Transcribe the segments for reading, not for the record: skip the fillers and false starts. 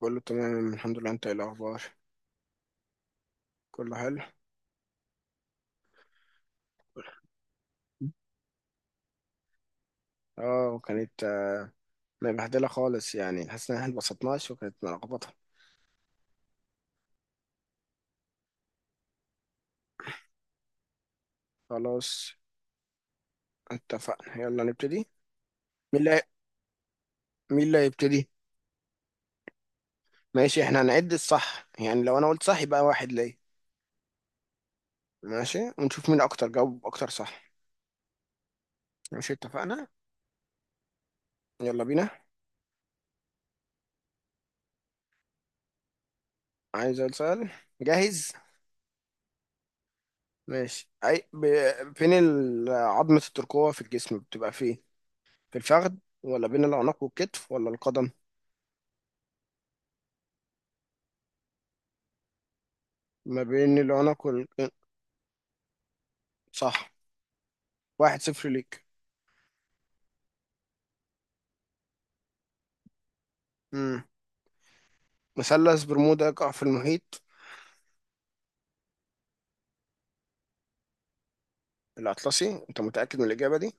كله تمام الحمد لله، انت ايه الاخبار؟ كله حلو. اه وكانت مبهدله خالص، يعني حاسس ان احنا اتبسطناش وكانت ملخبطه. خلاص، اتفقنا، يلا نبتدي. مين اللي هي- مين اللي هيبتدي؟ ماشي، احنا هنعد الصح، يعني لو انا قلت صح يبقى واحد ليا. ماشي، ونشوف مين اكتر جاوب اكتر صح. ماشي، اتفقنا. يلا بينا. عايز أقول سؤال. جاهز. ماشي. فين عظمة الترقوة في الجسم بتبقى فين؟ في الفخذ، ولا بين العنق والكتف، ولا القدم؟ ما بين العنق وال. صح. 1-0 ليك. مم. مثلث برمودا يقع في المحيط. الأطلسي؟ أنت متأكد من الإجابة دي؟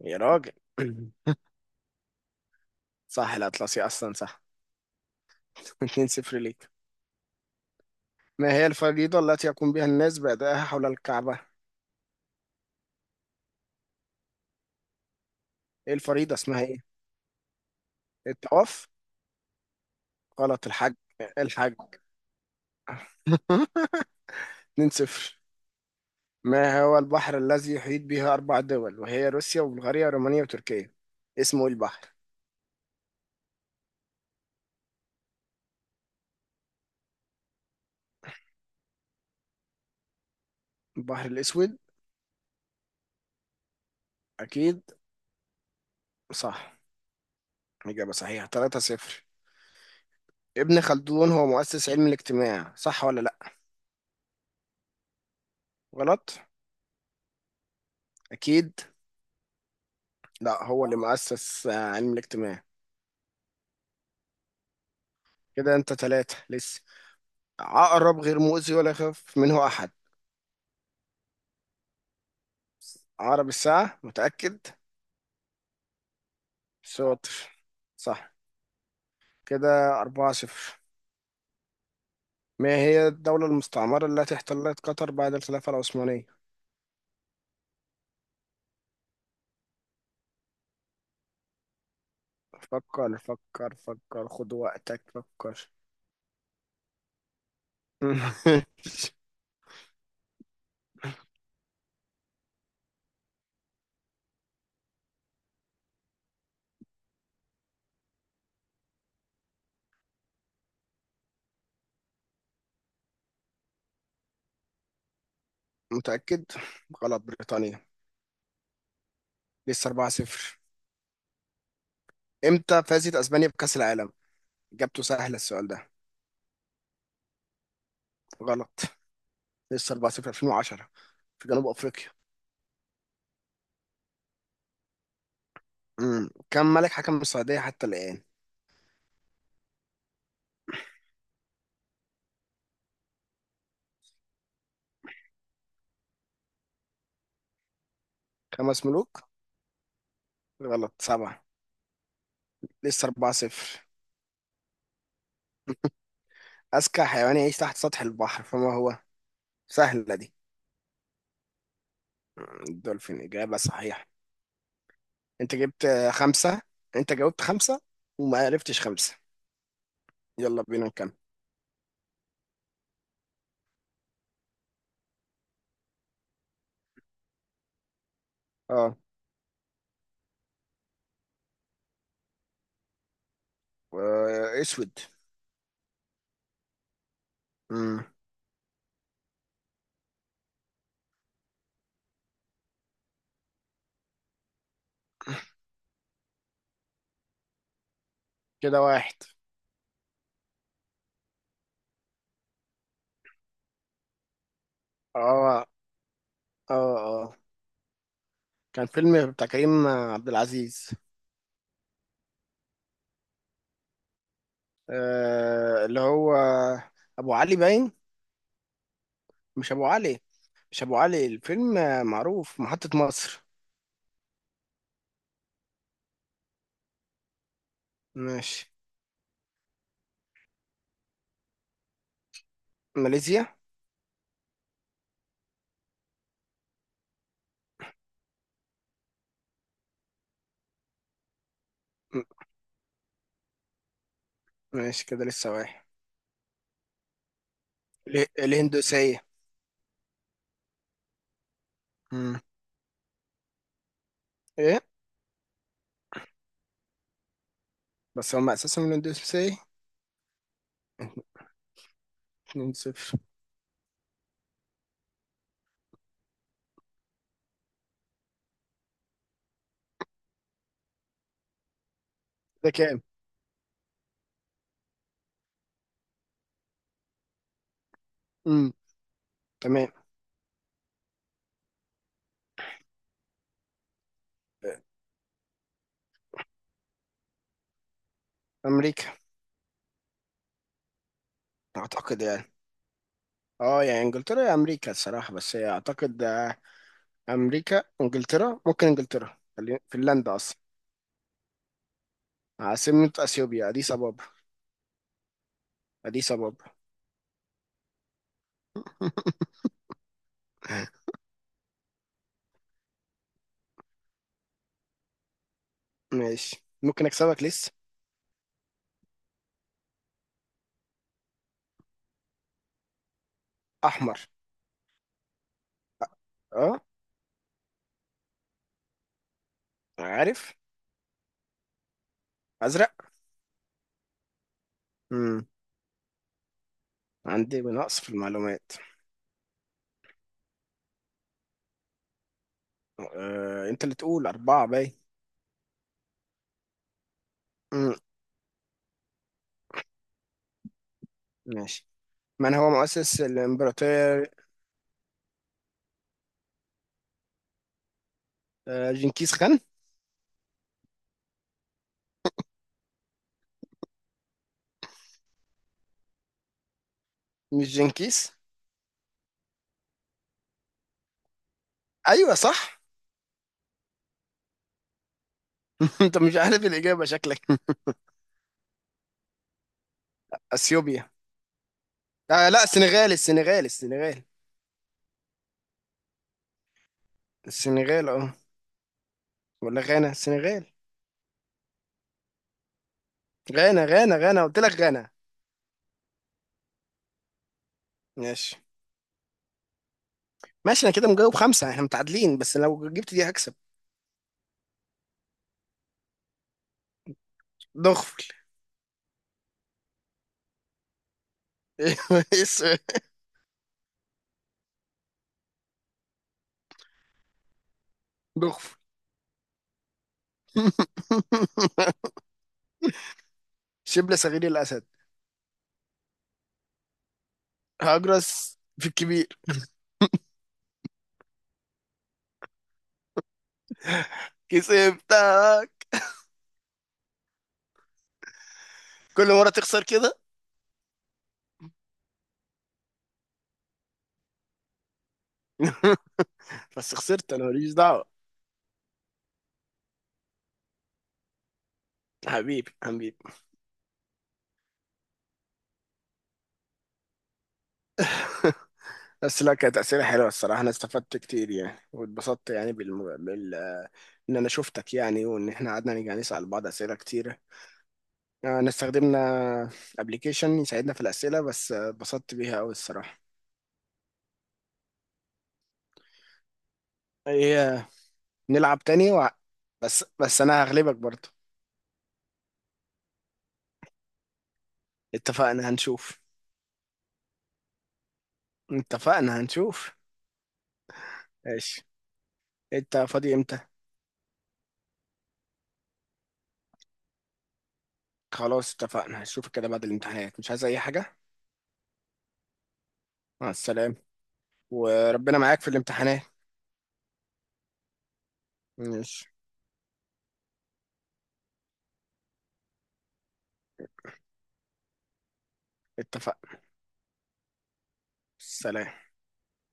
يا راجل! صح، الأطلسي أصلا، صح. 2-0 ليك. ما هي الفريضة التي يقوم بها الناس بأدائها حول الكعبة؟ إيه الفريضة اسمها إيه؟ الطواف؟ غلط، الحج. الحج. 2-0. ما هو البحر الذي يحيط به أربع دول وهي روسيا وبلغاريا ورومانيا وتركيا؟ اسمه إيه البحر؟ البحر الأسود؟ أكيد. صح. إجابة صحيحة. 3-0. ابن خلدون هو مؤسس علم الاجتماع، صح ولا لأ؟ غلط؟ أكيد. لأ، هو اللي مؤسس علم الاجتماع. كده أنت 3 لسه. عقرب غير مؤذي ولا يخاف منه أحد؟ عقرب الساعة؟ متأكد؟ شاطر. صح. كده 4-0. ما هي الدولة المستعمرة التي احتلت قطر بعد الخلافة العثمانية؟ فكر، فكر، فكر، خد وقتك، فكر. متأكد؟ غلط، بريطانيا. لسه 4-0. امتى فازت اسبانيا بكأس العالم؟ اجابته سهله السؤال ده. غلط. لسه 4-0. 2010 في جنوب افريقيا. كم ملك حكم السعوديه حتى الان؟ 5 ملوك. غلط، 7. لسه 4-0. اذكى حيوان يعيش تحت سطح البحر فما هو؟ سهله دي. الدولفين، اجابه صحيحه. انت جبت 5. انت جاوبت 5. وما عرفتش 5. يلا بينا نكمل. اه. اسود. امم. كده واحد. اه، اه، اه، كان فيلم بتاع كريم عبد العزيز. اللي هو ابو علي باين. مش ابو علي. مش ابو علي، الفيلم معروف، محطة مصر. ماشي. ماليزيا. م- ماشي، كده لسه واحد. الهندوسية. مم. ايه. بس هم اساسا من الهندوسية. 2-0. ده كام؟ مم. تمام. امريكا. اعتقد يعني. اه، يعني انجلترا يا امريكا الصراحة، بس هي اعتقد امريكا، انجلترا، ممكن انجلترا، فنلندا اصلا. عاصمة اثيوبيا اديس ابابا. اديس ابابا. ماشي، ممكن اكسبك لسه. احمر. اه. عارف. ازرق. امم. عندي نقص في المعلومات. انت اللي تقول 4، باي. امم. ماشي. من هو مؤسس الامبراطور. جنكيز خان. مش جنكيز. ايوه صح. انت مش عارف الاجابة شكلك. اثيوبيا. لا، السنغال، السنغال، السنغال. السنغال، اه. ولا غانا، السنغال. غانا، غانا، غانا، قلت لك غانا. ماشي. ماشي، انا كده مجاوب 5، احنا متعادلين، بس لو جبت دي هكسب. دغفل. إيه السؤال؟ دغفل. شبل صغير الاسد. هجرس في الكبير. كسبتك. كل مرة تخسر كده. بس خسرت، انا ماليش دعوة. حبيبي، حبيبي. بس لا، كانت أسئلة حلوة الصراحة، أنا استفدت كتير يعني، واتبسطت يعني إن أنا شفتك يعني، وإن إحنا قعدنا نيجي نسأل بعض أسئلة كتيرة. أنا استخدمنا أبلكيشن يساعدنا في الأسئلة، بس اتبسطت بيها أوي الصراحة. هي نلعب تاني و... بس انا هغلبك برضو. اتفقنا، هنشوف. اتفقنا، هنشوف. ماشي. انت فاضي امتى؟ خلاص، اتفقنا، هشوفك كده بعد الامتحانات، مش عايز اي حاجة. مع السلامة. وربنا معاك في الامتحانات. ماشي، اتفقنا. سلام.